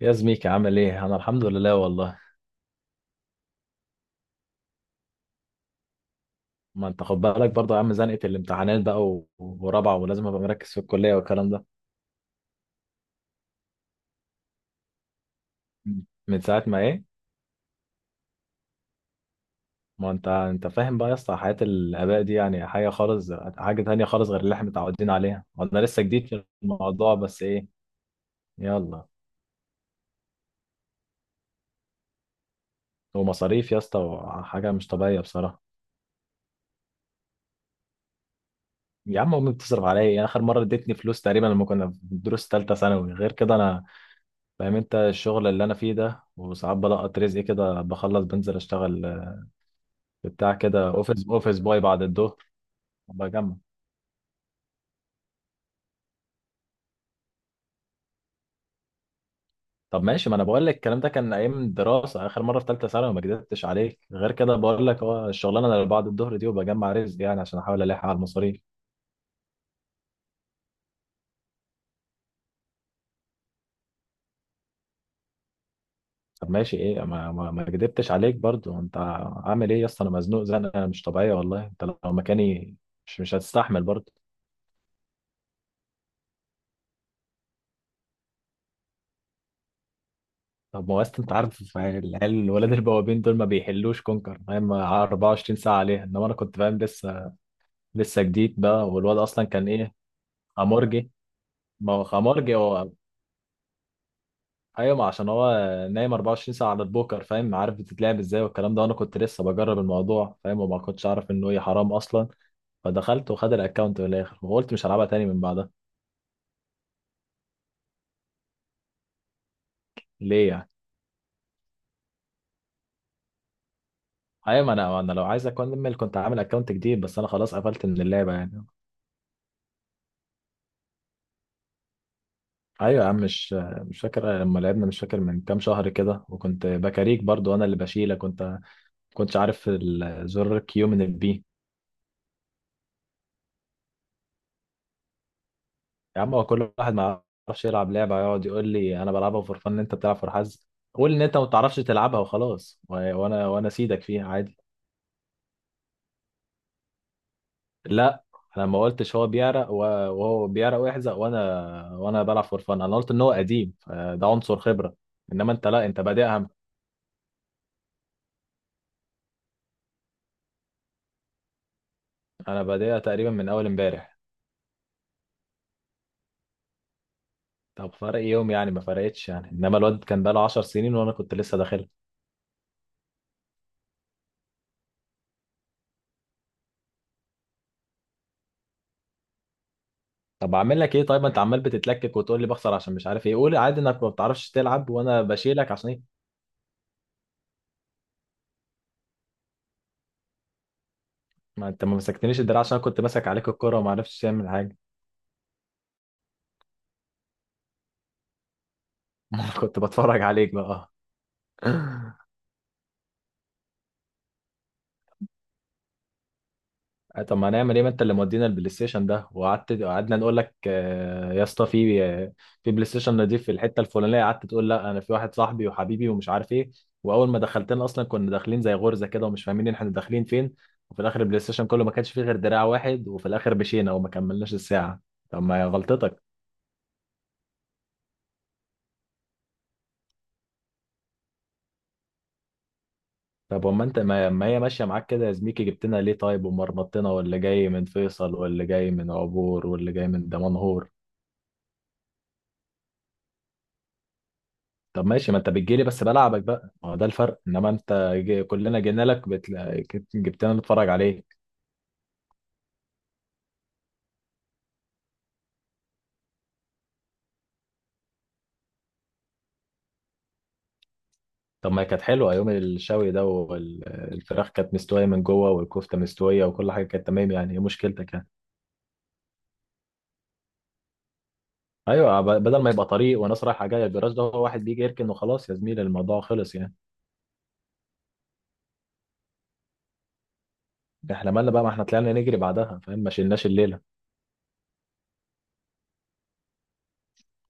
يا زميكي عامل ايه؟ انا الحمد لله والله. ما انت خد بالك برضه يا عم، زنقه الامتحانات بقى ورابعه، ولازم ابقى مركز في الكليه والكلام ده. مم. من ساعه ما ايه؟ ما انت فاهم بقى يا اسطى، حياه الاباء دي يعني حاجه خالص، حاجه تانية خالص غير اللي احنا متعودين عليها، وانا لسه جديد في الموضوع، بس ايه. يلا. ومصاريف يا اسطى، وحاجه مش طبيعيه بصراحه. يا عم امي بتصرف عليا يعني، اخر مره ادتني فلوس تقريبا لما كنا في دروس ثالثه ثانوي، غير كده انا فاهم انت الشغل اللي انا فيه ده، وساعات بلقط رزقي كده، بخلص بنزل اشتغل بتاع كده اوفيس اوفيس باي بعد الظهر. بجمع. طب ماشي، ما انا بقول لك الكلام ده كان ايام الدراسه، اخر مره في ثالثه ثانوي ما كدبتش عليك، غير كده بقول لك اه الشغلانه اللي بعد الظهر دي وبجمع رزق يعني عشان احاول الحق على المصاريف. طب ماشي ايه، ما كدبتش عليك برضو. انت عامل ايه يا اسطى؟ انا مزنوق زنقه مش طبيعيه والله، انت لو مكاني مش هتستحمل برضو. طب ما هو أصل انت عارف العيال الولاد البوابين دول ما بيحلوش كونكر فاهم، 24 ساعه عليها، انما انا كنت فاهم لسه جديد بقى، والواد اصلا كان ايه، امورجي. ما هو خمارجي هو. ايوه، ما عشان هو نايم 24 ساعه على البوكر، فاهم عارف بتتلعب ازاي والكلام ده، وانا كنت لسه بجرب الموضوع فاهم، وما كنتش اعرف انه ايه حرام اصلا، فدخلت وخد الاكونت من الاخر، وقلت مش هلعبها تاني من بعدها. ليه يعني؟ ايوه، ما انا لو عايز اكمل كنت عامل اكونت جديد، بس انا خلاص قفلت من اللعبه يعني. ايوه يا عم، مش فاكر لما لعبنا؟ مش فاكر من كام شهر كده وكنت بكاريك برضو؟ انا اللي بشيلك، كنتش عارف الزر كيو من البي. يا عم، هو كل واحد ما يعرفش يلعب لعبة يقعد يقول لي أنا بلعبها فور فن، أنت بتلعب فور حظ. قول إن أنت ما بتعرفش تلعبها وخلاص، وأنا أسيدك فيها عادي. لا، أنا ما قلتش هو بيعرق وهو بيعرق ويحزق، وأنا بلعب فور فن، أنا قلت إن هو قديم فده عنصر خبرة. إنما أنت لا، أنت بادئها. أنا بادئها تقريبا من أول إمبارح. طب فرق يوم يعني، ما فرقتش يعني، إنما الواد كان بقاله 10 سنين وأنا كنت لسه داخلها. طب اعمل لك ايه طيب، ما انت عمال بتتلكك وتقول لي بخسر عشان مش عارف ايه، قول عادي انك ما بتعرفش تلعب وانا بشيلك عشان إيه؟ ما انت ما مسكتنيش الدراع عشان انا كنت ماسك عليك الكرة وما عرفتش تعمل حاجة. ما انا كنت بتفرج عليك بقى. طب ما هنعمل ايه، ما انت اللي مودينا البلاي ستيشن ده، وقعدت قعدنا نقول لك يا اسطى في في بلاي ستيشن نضيف في الحتة الفلانية، قعدت تقول لا انا في واحد صاحبي وحبيبي ومش عارف ايه، واول ما دخلتنا اصلا كنا داخلين زي غرزة كده ومش فاهمين احنا داخلين فين، وفي الاخر البلاي ستيشن كله ما كانش فيه غير دراع واحد، وفي الاخر مشينا وما كملناش الساعة. طب ما هي غلطتك. طب وما انت، ما هي ماشيه معاك كده يا زميكي، جبتنا ليه طيب؟ ومرمطتنا، واللي جاي من فيصل واللي جاي من عبور واللي جاي من دمنهور. طب ماشي، ما انت بتجيلي بس بلعبك بقى، ما هو ده الفرق، انما انت جي كلنا جينا لك جبتنا نتفرج عليك. طب ما هي كانت حلوه يوم الشوي ده، والفراخ كانت مستويه من جوه، والكفته مستويه، وكل حاجه كانت تمام يعني، ايه مشكلتك يعني؟ ايوه، بدل ما يبقى طريق وناس رايحه جايه، الجراج ده هو واحد بيجي يركن وخلاص يا زميلي، الموضوع خلص يعني. احنا مالنا بقى، ما احنا طلعنا نجري بعدها فاهم، ما شلناش الليله.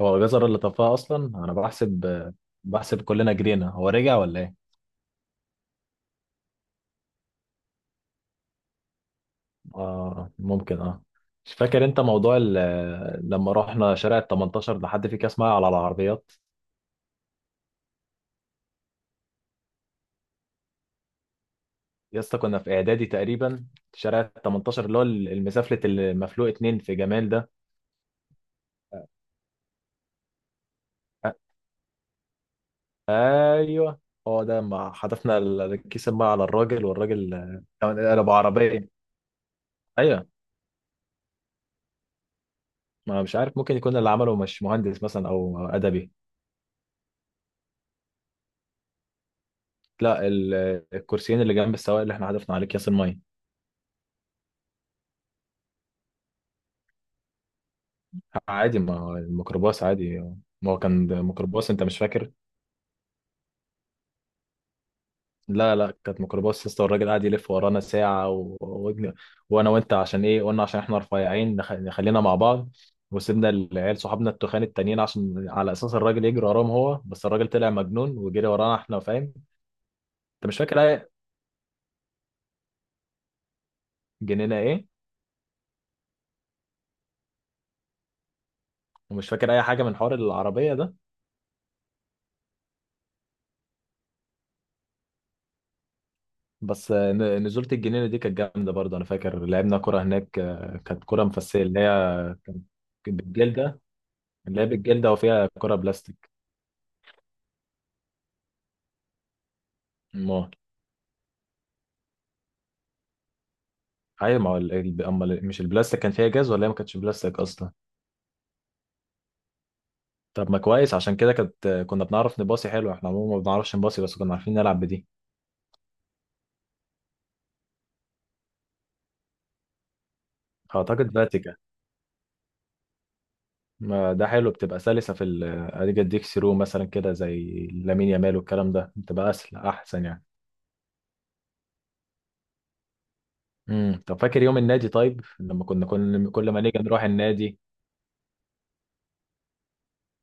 هو جزر اللي طفاه اصلا، انا بحسب، بحسب كلنا جرينا، هو رجع ولا ايه؟ اه ممكن اه. مش فاكر انت موضوع لما رحنا شارع ال 18 ده، حد في كاس معايا على العربيات؟ يا اسطى كنا في اعدادي تقريبا، شارع ال 18 اللي هو المسافلة المفلوق اتنين في جمال ده. أ- ايوه، هو ده، ما حدفنا الكيس الميه على الراجل، والراجل كان ابو عربيه. ايوه، ما مش عارف، ممكن يكون اللي عمله مش مهندس مثلا او ادبي. لا، الكرسيين اللي جنب السواق اللي احنا حدفنا عليه اكياس الميه. عادي، ما هو الميكروباص عادي، ما هو كان ده ميكروباص، انت مش فاكر. لا لا، كانت ميكروباص لسه، والراجل قاعد يلف ورانا ساعة وانا وانت عشان ايه قلنا عشان احنا رفيعين نخلينا مع بعض، وسيبنا العيال صحابنا التخان التانيين عشان على اساس الراجل يجري وراهم هو، بس الراجل طلع مجنون وجري ورانا احنا فاهم. انت مش فاكر اي. جنينا ايه؟ ومش فاكر اي حاجة من حوار العربية ده. بس نزولة الجنينة دي كانت جامدة برضه، أنا فاكر لعبنا كرة هناك، كانت كرة مفسية اللي هي، كانت بالجلدة، اللي هي بالجلدة وفيها كرة بلاستيك. ما أيوة، ما هو مش البلاستيك كان فيها جاز، ولا هي ما كانتش بلاستيك أصلا. طب ما كويس، عشان كده كانت كنا بنعرف نباصي حلو، إحنا عموما ما بنعرفش نباصي، بس كنا عارفين نلعب بدي. أعتقد فاتيكا. ما ده حلو، بتبقى سلسة في ال أديك أديك ثرو مثلا كده، زي لامين يامال والكلام ده، بتبقى أسهل أحسن يعني. طب فاكر يوم النادي؟ طيب لما كنا كل ما نيجي نروح النادي.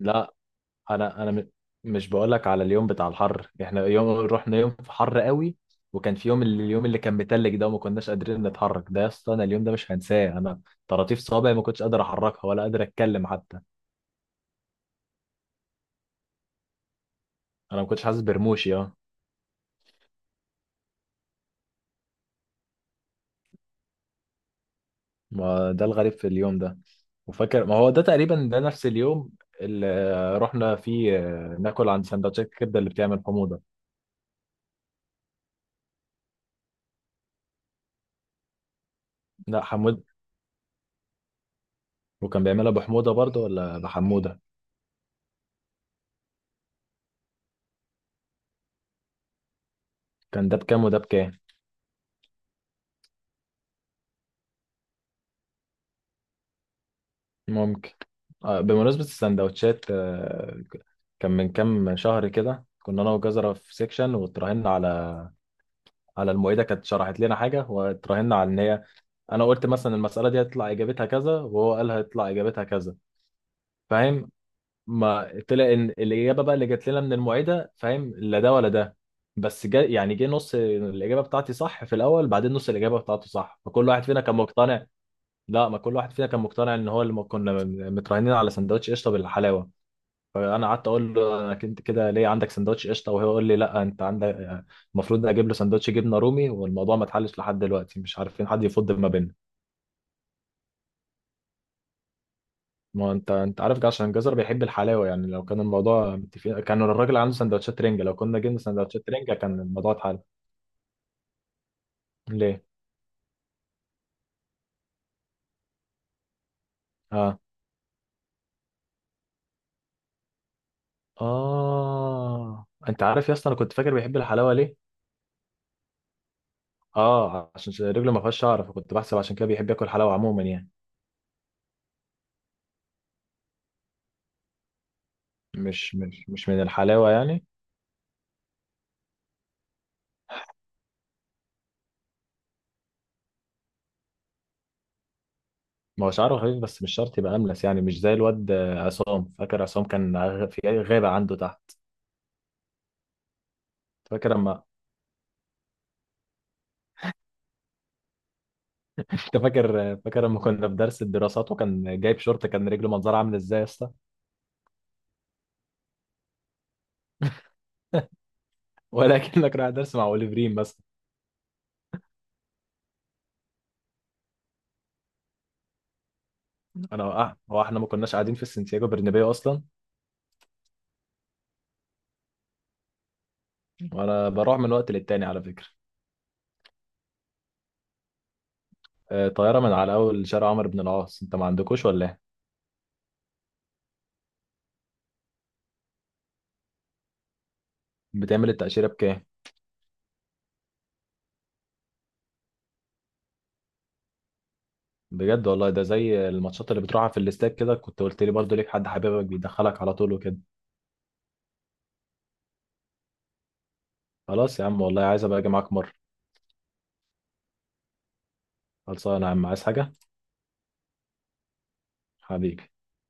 لا، انا مش بقول لك على اليوم بتاع الحر، احنا يوم رحنا يوم في حر قوي، وكان في يوم اليوم اللي كان متلج ده وما كناش قادرين نتحرك، ده يا اسطى انا اليوم ده مش هنساه، انا طراطيف صوابعي ما كنتش قادر احركها ولا قادر اتكلم حتى. انا ما كنتش حاسس برموشي اه. ما ده الغريب في اليوم ده. وفاكر ما هو ده تقريبا ده نفس اليوم اللي رحنا فيه ناكل عند سندوتشات الكبده اللي بتعمل حموضه. لا، وكان بيعملها بحموده برضه ولا بحموده. كان ده بكام وده بكام؟ ممكن. بمناسبه السندوتشات كان من كام شهر كده كنا انا وجزرة في سيكشن، واتراهنا على على المعيده كانت شرحت لنا حاجه، واتراهنا على ان هي، انا قلت مثلا المساله دي هتطلع اجابتها كذا، وهو قال هتطلع اجابتها كذا فاهم، ما طلع ان الاجابه بقى اللي جت لنا من المعيده فاهم لا ده ولا ده، بس جا يعني جه نص الاجابه بتاعتي صح في الاول، بعدين نص الاجابه بتاعته صح، فكل واحد فينا كان مقتنع. لا، ما كل واحد فينا كان مقتنع ان هو اللي، متراهنين على سندوتش قشطه بالحلاوه، فانا قعدت اقول له انا كنت كده ليه عندك سندوتش قشطه، وهو يقول لي لا انت عندك، المفروض اجيب له سندوتش جبنه رومي، والموضوع ما اتحلش لحد دلوقتي، مش عارفين حد يفض ما بيننا. ما انت عارف عشان جزر بيحب الحلاوه يعني، لو كان الموضوع متفقين كان الراجل عنده سندوتشات رنجه، لو كنا جبنا سندوتشات رنجه كان الموضوع اتحل. ليه؟ اه اه، انت عارف يا اسطى انا كنت فاكر بيحب الحلاوه ليه؟ اه عشان رجله ما فيهاش شعر، فكنت بحسب عشان كده بيحب ياكل حلاوه عموما يعني. مش من الحلاوة يعني. ما هو شعره خفيف بس مش شرط يبقى أملس يعني، مش زي الواد عصام، فاكر عصام كان في غابة عنده تحت. فاكر اما، انت فاكر؟ فاكر اما كنا في درس الدراسات وكان جايب شورت، كان رجله منظرها عامل ازاي يا اسطى؟ ولكنك رايح درس مع اوليفرين بس. انا وقعت، هو احنا ما كناش قاعدين في سانتياغو برنابيو اصلا. وانا بروح من وقت للتاني على فكرة. طيارة من على اول شارع عمرو بن العاص، انت ما عندكوش ولا ايه؟ بتعمل التأشيرة بكام؟ بجد والله ده زي الماتشات اللي بتروحها في الاستاد كده، كنت قلت لي برضو ليك حد حبيبك بيدخلك على طول وكده. خلاص يا عم والله، عايز ابقى اجي معاك مره. خلصانه يا عم، عايز حاجه؟ حبيبي.